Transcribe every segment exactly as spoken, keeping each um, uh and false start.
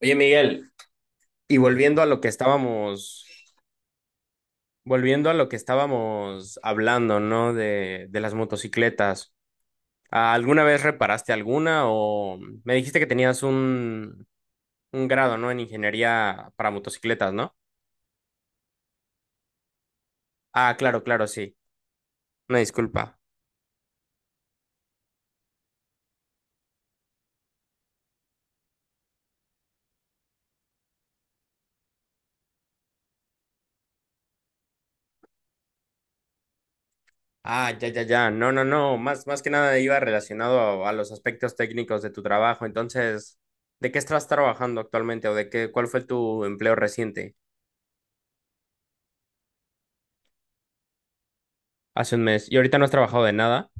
Oye, Miguel, y volviendo a lo que estábamos, volviendo a lo que estábamos hablando, ¿no? De, de las motocicletas. ¿Ah, ¿Alguna vez reparaste alguna o me dijiste que tenías un, un grado, ¿no? En ingeniería para motocicletas, ¿no? Ah, claro, claro, sí. Una disculpa. Ah, ya, ya, ya. No, no, no. Más, más que nada iba relacionado a, a los aspectos técnicos de tu trabajo. Entonces, ¿de qué estás trabajando actualmente o de qué, cuál fue tu empleo reciente hace un mes? ¿Y ahorita no has trabajado de nada?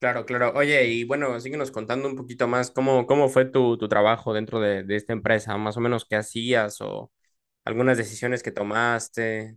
Claro, claro. Oye, y bueno, síguenos contando un poquito más cómo, cómo fue tu, tu trabajo dentro de, de esta empresa, más o menos qué hacías o algunas decisiones que tomaste.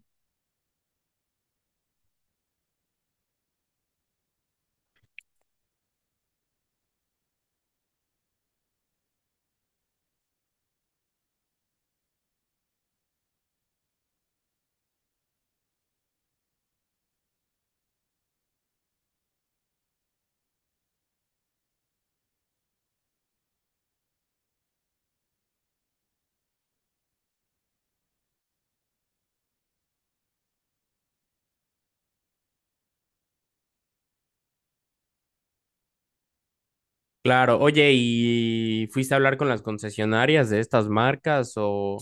Claro, oye, ¿y fuiste a hablar con las concesionarias de estas marcas o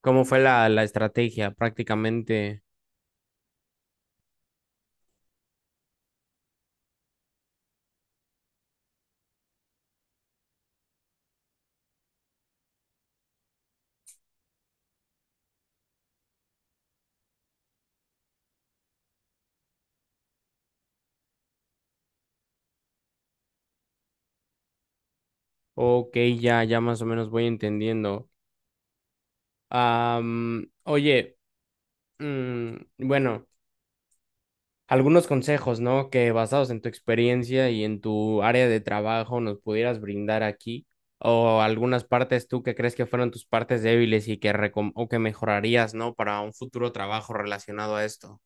cómo fue la, la estrategia prácticamente? Ok, ya, ya más o menos voy entendiendo. Am, oye, mm, bueno, algunos consejos, ¿no? Que basados en tu experiencia y en tu área de trabajo nos pudieras brindar aquí, o algunas partes tú que crees que fueron tus partes débiles y que recom- o que mejorarías, ¿no? Para un futuro trabajo relacionado a esto.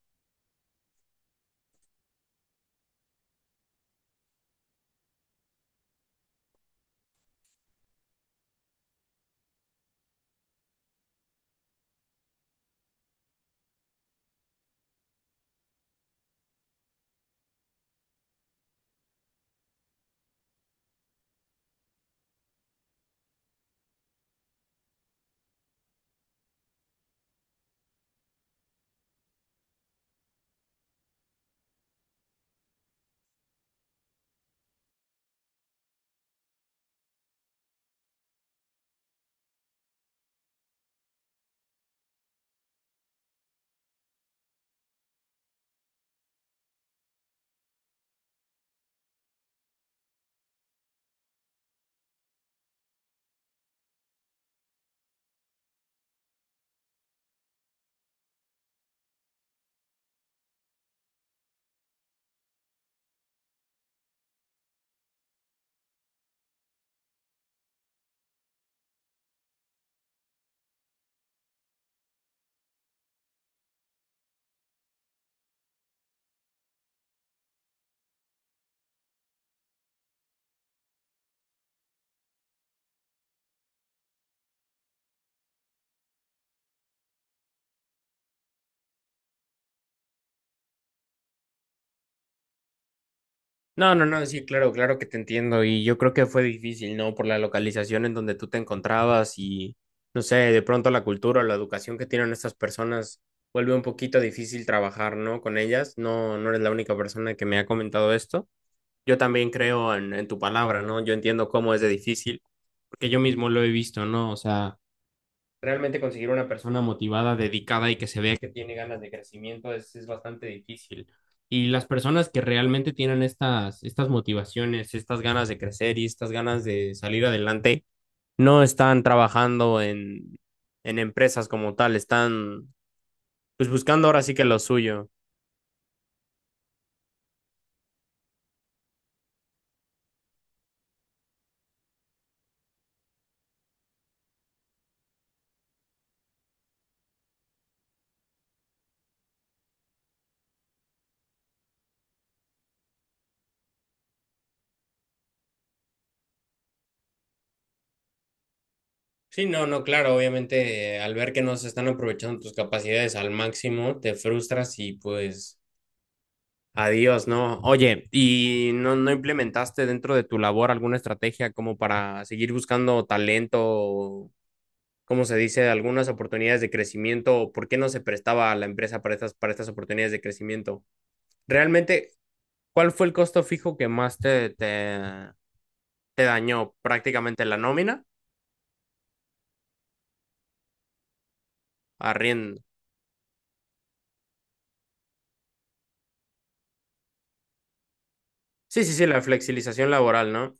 No, no, no, sí, claro, claro que te entiendo y yo creo que fue difícil, ¿no? Por la localización en donde tú te encontrabas y no sé, de pronto la cultura o la educación que tienen estas personas vuelve un poquito difícil trabajar, ¿no? Con ellas. No, no eres la única persona que me ha comentado esto. Yo también creo en, en tu palabra, ¿no? Yo entiendo cómo es de difícil, porque yo mismo lo he visto, ¿no? O sea, realmente conseguir una persona motivada, dedicada y que se vea que tiene ganas de crecimiento es, es bastante difícil. Y las personas que realmente tienen estas, estas motivaciones, estas ganas de crecer y estas ganas de salir adelante, no están trabajando en, en empresas como tal, están pues buscando ahora sí que lo suyo. Sí, no, no, claro, obviamente eh, al ver que no se están aprovechando tus capacidades al máximo, te frustras y pues adiós, ¿no? Oye, ¿y no, no implementaste dentro de tu labor alguna estrategia como para seguir buscando talento, o, como se dice, algunas oportunidades de crecimiento? ¿O por qué no se prestaba a la empresa para estas, para estas oportunidades de crecimiento? Realmente, ¿cuál fue el costo fijo que más te, te, te dañó? ¿Prácticamente la nómina? Arriendo. Sí, sí, sí, la flexibilización laboral, ¿no?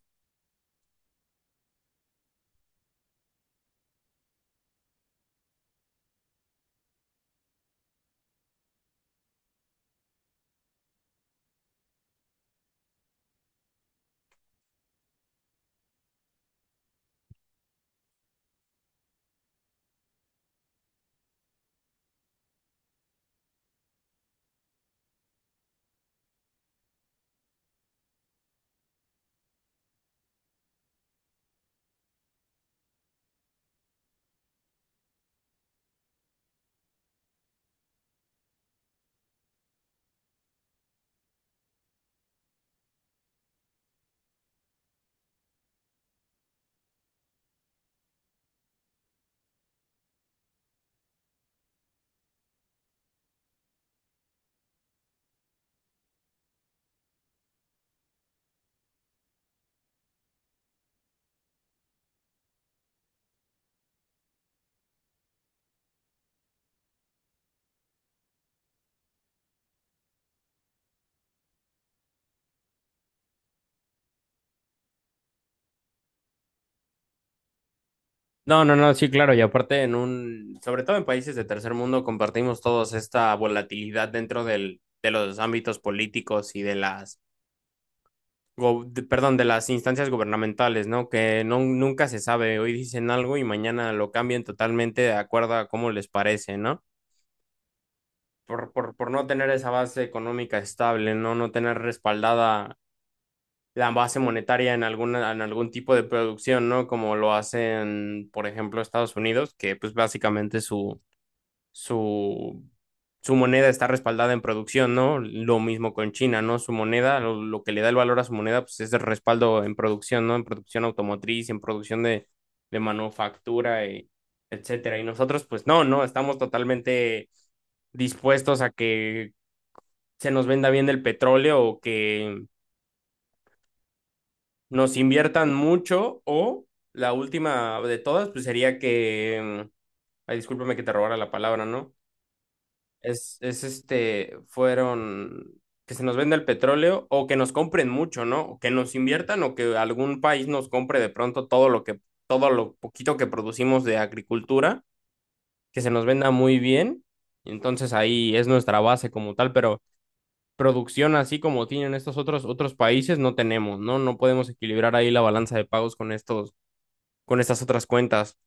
No, no, no, sí, claro, y aparte en un, sobre todo en países de tercer mundo, compartimos todos esta volatilidad dentro del, de los ámbitos políticos y de las, go- de- perdón, de las instancias gubernamentales, ¿no? Que no, nunca se sabe, hoy dicen algo y mañana lo cambian totalmente de acuerdo a cómo les parece, ¿no? Por, por, por no tener esa base económica estable, ¿no? No tener respaldada la base monetaria en alguna, en algún tipo de producción, ¿no? Como lo hacen, por ejemplo, Estados Unidos, que pues básicamente su su, su moneda está respaldada en producción, ¿no? Lo mismo con China, ¿no? Su moneda, lo, lo que le da el valor a su moneda, pues es el respaldo en producción, ¿no? En producción automotriz, en producción de, de manufactura, y etcétera. Y nosotros, pues no, no, estamos totalmente dispuestos a que se nos venda bien el petróleo o que nos inviertan mucho o la última de todas, pues sería que, mm, ay, discúlpame que te robara la palabra, ¿no? Es, es este, fueron que se nos venda el petróleo o que nos compren mucho, ¿no? O que nos inviertan o que algún país nos compre de pronto todo lo que, todo lo poquito que producimos de agricultura, que se nos venda muy bien. Y entonces ahí es nuestra base como tal, pero producción así como tienen estos otros, otros países no tenemos, ¿no? No podemos equilibrar ahí la balanza de pagos con estos, con estas otras cuentas.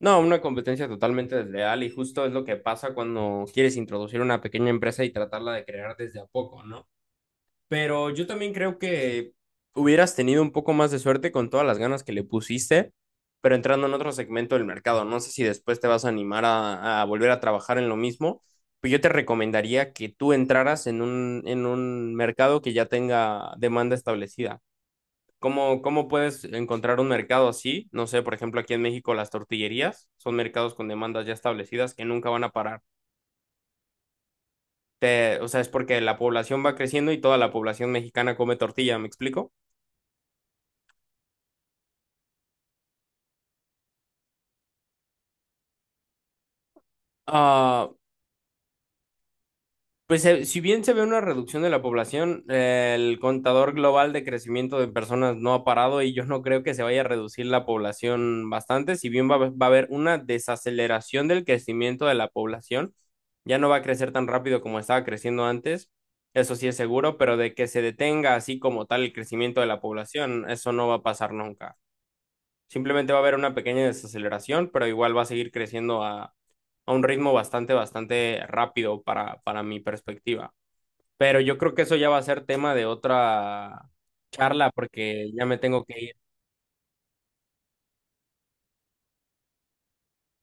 No, una competencia totalmente desleal y justo es lo que pasa cuando quieres introducir una pequeña empresa y tratarla de crear desde a poco, ¿no? Pero yo también creo que hubieras tenido un poco más de suerte con todas las ganas que le pusiste, pero entrando en otro segmento del mercado. No sé si después te vas a animar a, a volver a trabajar en lo mismo, pero yo te recomendaría que tú entraras en un, en un mercado que ya tenga demanda establecida. ¿Cómo, cómo puedes encontrar un mercado así? No sé, por ejemplo, aquí en México las tortillerías son mercados con demandas ya establecidas que nunca van a parar. Te- o sea, es porque la población va creciendo y toda la población mexicana come tortilla, ¿me explico? Ah, pues eh, si bien se ve una reducción de la población, eh, el contador global de crecimiento de personas no ha parado y yo no creo que se vaya a reducir la población bastante, si bien va, a haber- va a haber una desaceleración del crecimiento de la población, ya no va a crecer tan rápido como estaba creciendo antes, eso sí es seguro, pero de que se detenga así como tal el crecimiento de la población, eso no va a pasar nunca. Simplemente va a haber una pequeña desaceleración, pero igual va a seguir creciendo a, a un ritmo bastante, bastante rápido para, para mi perspectiva. Pero yo creo que eso ya va a ser tema de otra charla porque ya me tengo que ir.